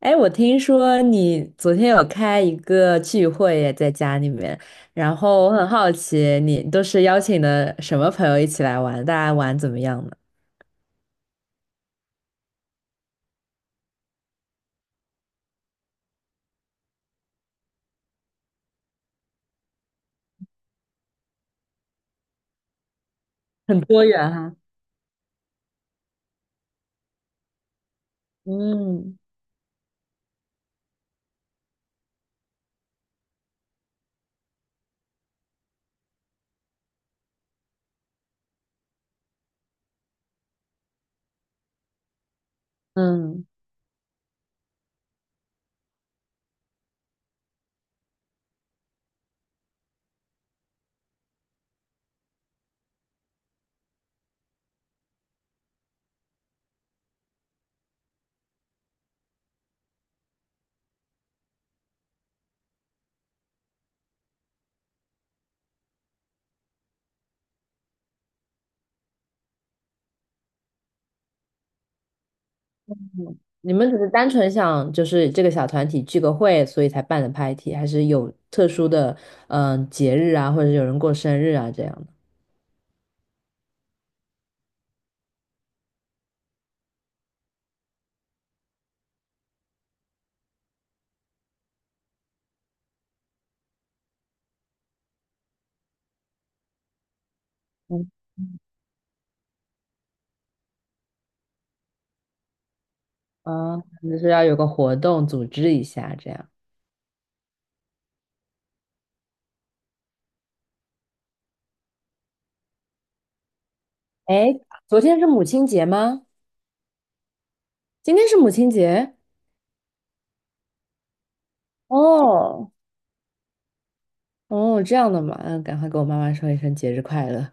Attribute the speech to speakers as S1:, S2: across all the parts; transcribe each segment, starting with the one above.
S1: 哎，我听说你昨天有开一个聚会耶在家里面，然后我很好奇，你都是邀请的什么朋友一起来玩？大家玩怎么样呢？很多元哈。嗯嗯，你们只是单纯想就是这个小团体聚个会，所以才办的 party，还是有特殊的节日啊，或者有人过生日啊这样的？嗯啊，就是要有个活动组织一下这样。哎，昨天是母亲节吗？今天是母亲节？哦哦，这样的嘛，嗯，赶快给我妈妈说一声节日快乐。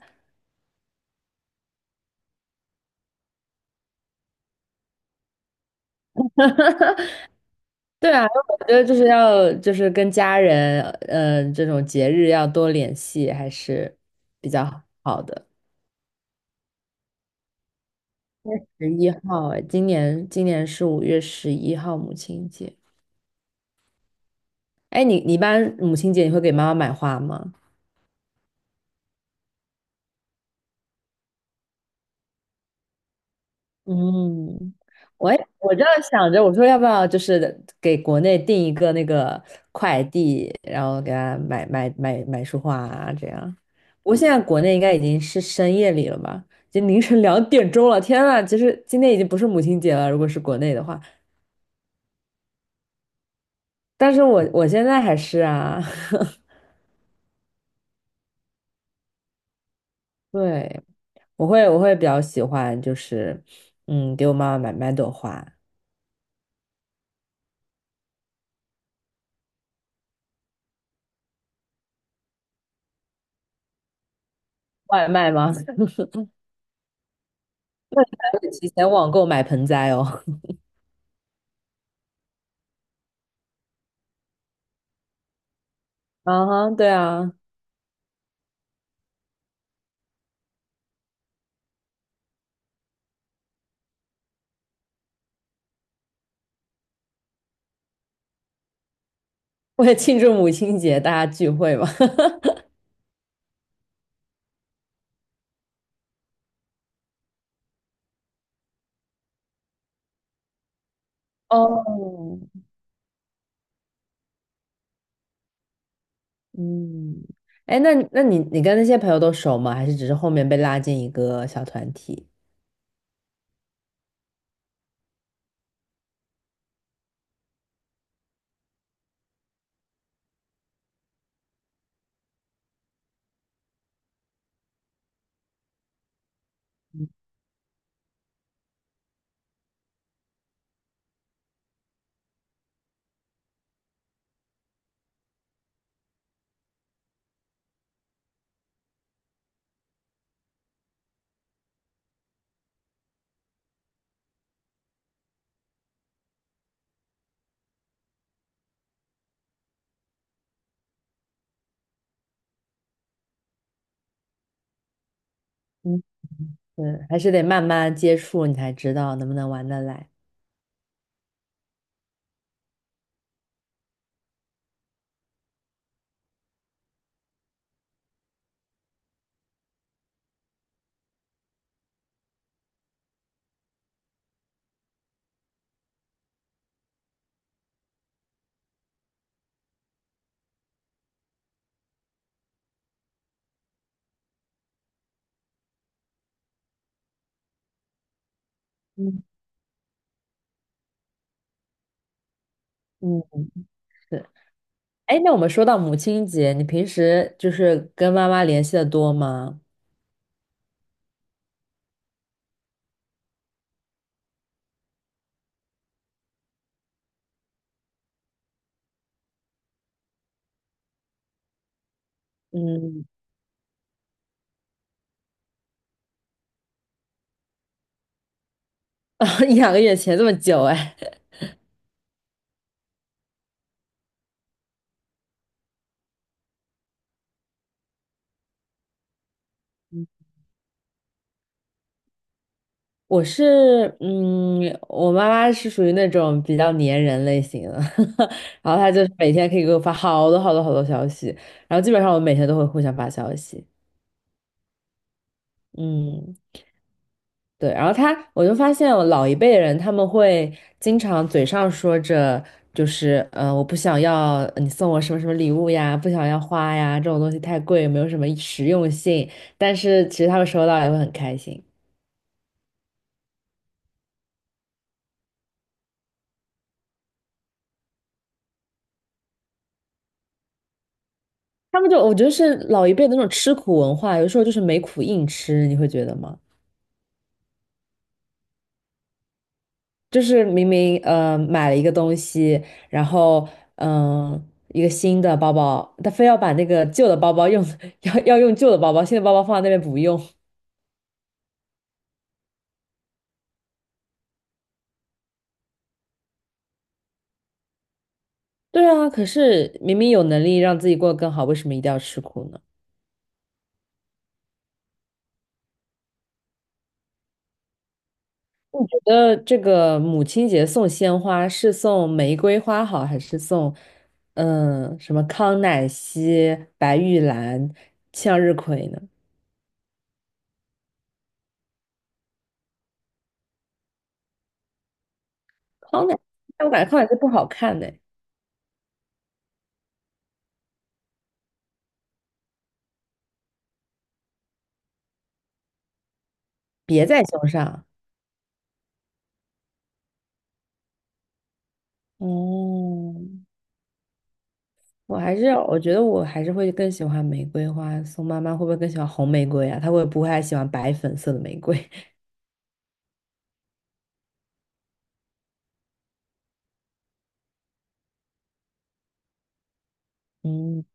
S1: 对啊，我觉得就是要就是跟家人，这种节日要多联系，还是比较好的。十一号，哎，今年是5月11号母亲节。哎，你一般母亲节你会给妈妈买花吗？嗯，我这样想着，我说要不要就是给国内订一个那个快递，然后给他买束花啊，这样。不过现在国内应该已经是深夜里了吧，已经凌晨2点钟了。天呐，其实今天已经不是母亲节了，如果是国内的话，但是我现在还是啊，对，我会比较喜欢就是，嗯，给我妈妈买朵花。外卖吗？会提前网购买盆栽哦。啊哈，对啊。为了庆祝母亲节，大家聚会嘛。哦，嗯，哎，那你跟那些朋友都熟吗？还是只是后面被拉进一个小团体？嗯嗯，还是得慢慢接触，你才知道能不能玩得来。嗯嗯，是，哎，那我们说到母亲节，你平时就是跟妈妈联系的多吗？嗯，一两个月前这么久，哎。我是，我妈妈是属于那种比较粘人类型的，然后她就是每天可以给我发好多好多好多消息，然后基本上我每天都会互相发消息，嗯，对，然后她，我就发现我老一辈人他们会经常嘴上说着就是，我不想要你送我什么什么礼物呀，不想要花呀，这种东西太贵，没有什么实用性，但是其实他们收到也会很开心。他们就我觉得是老一辈的那种吃苦文化，有时候就是没苦硬吃，你会觉得吗？就是明明买了一个东西，然后嗯、呃一个新的包包，他非要把那个旧的包包用 要用旧的包包，新的包包放在那边不用。对啊，可是明明有能力让自己过得更好，为什么一定要吃苦呢？你觉得这个母亲节送鲜花是送玫瑰花好，还是送什么康乃馨、白玉兰、向日葵呢？康乃，但我感觉康乃馨不好看呢，别在胸上。哦，我觉得我还是会更喜欢玫瑰花。宋妈妈会不会更喜欢红玫瑰啊？她会不会还喜欢白粉色的玫瑰？嗯，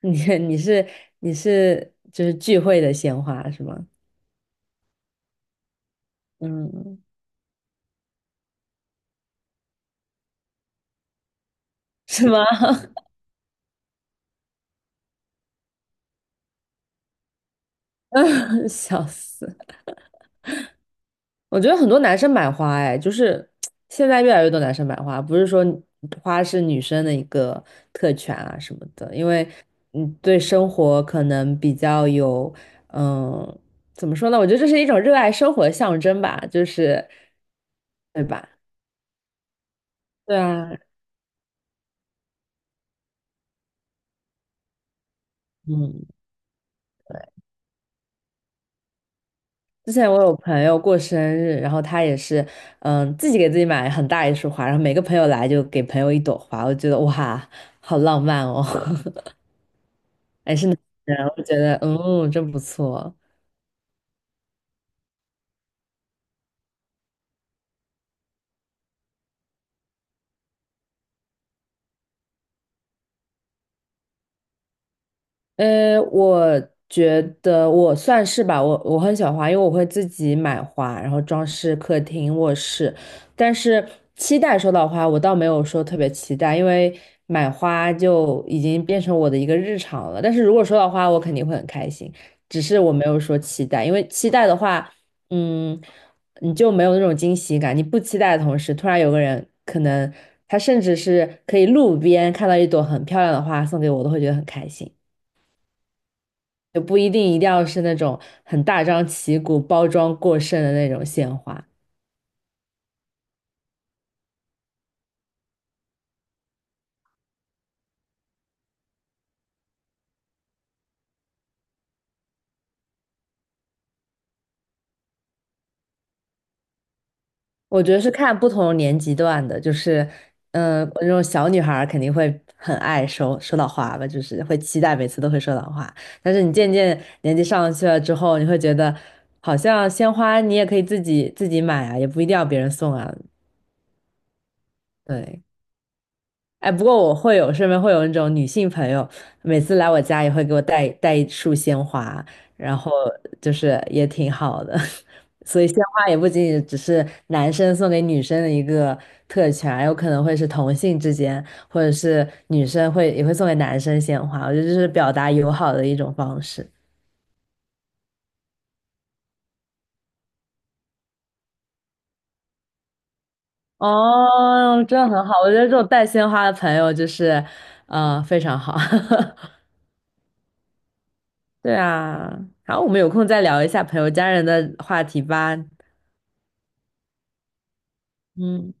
S1: 你你是你是就是聚会的鲜花是吗？嗯，是吗？笑死。我觉得很多男生买花，哎，就是现在越来越多男生买花，不是说花是女生的一个特权啊什么的，因为对生活可能比较有，嗯，怎么说呢？我觉得这是一种热爱生活的象征吧，就是，对吧？对啊，嗯，对。之前我有朋友过生日，然后他也是，嗯，自己给自己买很大一束花，然后每个朋友来就给朋友一朵花，我觉得哇，好浪漫哦。还是男的，我觉得，嗯，真不错。我觉得我算是吧，我很喜欢花，因为我会自己买花，然后装饰客厅、卧室。但是期待收到花，我倒没有说特别期待，因为买花就已经变成我的一个日常了。但是如果收到花，我肯定会很开心，只是我没有说期待，因为期待的话，嗯，你就没有那种惊喜感。你不期待的同时，突然有个人可能他甚至是可以路边看到一朵很漂亮的花送给我，我都会觉得很开心。也不一定一定要是那种很大张旗鼓、包装过剩的那种鲜花。我觉得是看不同年级段的，就是，那种小女孩儿肯定会很爱收到花吧，就是会期待每次都会收到花。但是你渐渐年纪上去了之后，你会觉得好像鲜花你也可以自己买啊，也不一定要别人送啊。对，哎，不过我会有身边会有那种女性朋友，每次来我家也会给我带一束鲜花，然后就是也挺好的。所以鲜花也不仅仅只是男生送给女生的一个特权，有可能会是同性之间，或者是女生会也会送给男生鲜花。我觉得这是表达友好的一种方式。哦，真的很好，我觉得这种带鲜花的朋友就是，非常好。对啊，好，我们有空再聊一下朋友家人的话题吧。嗯。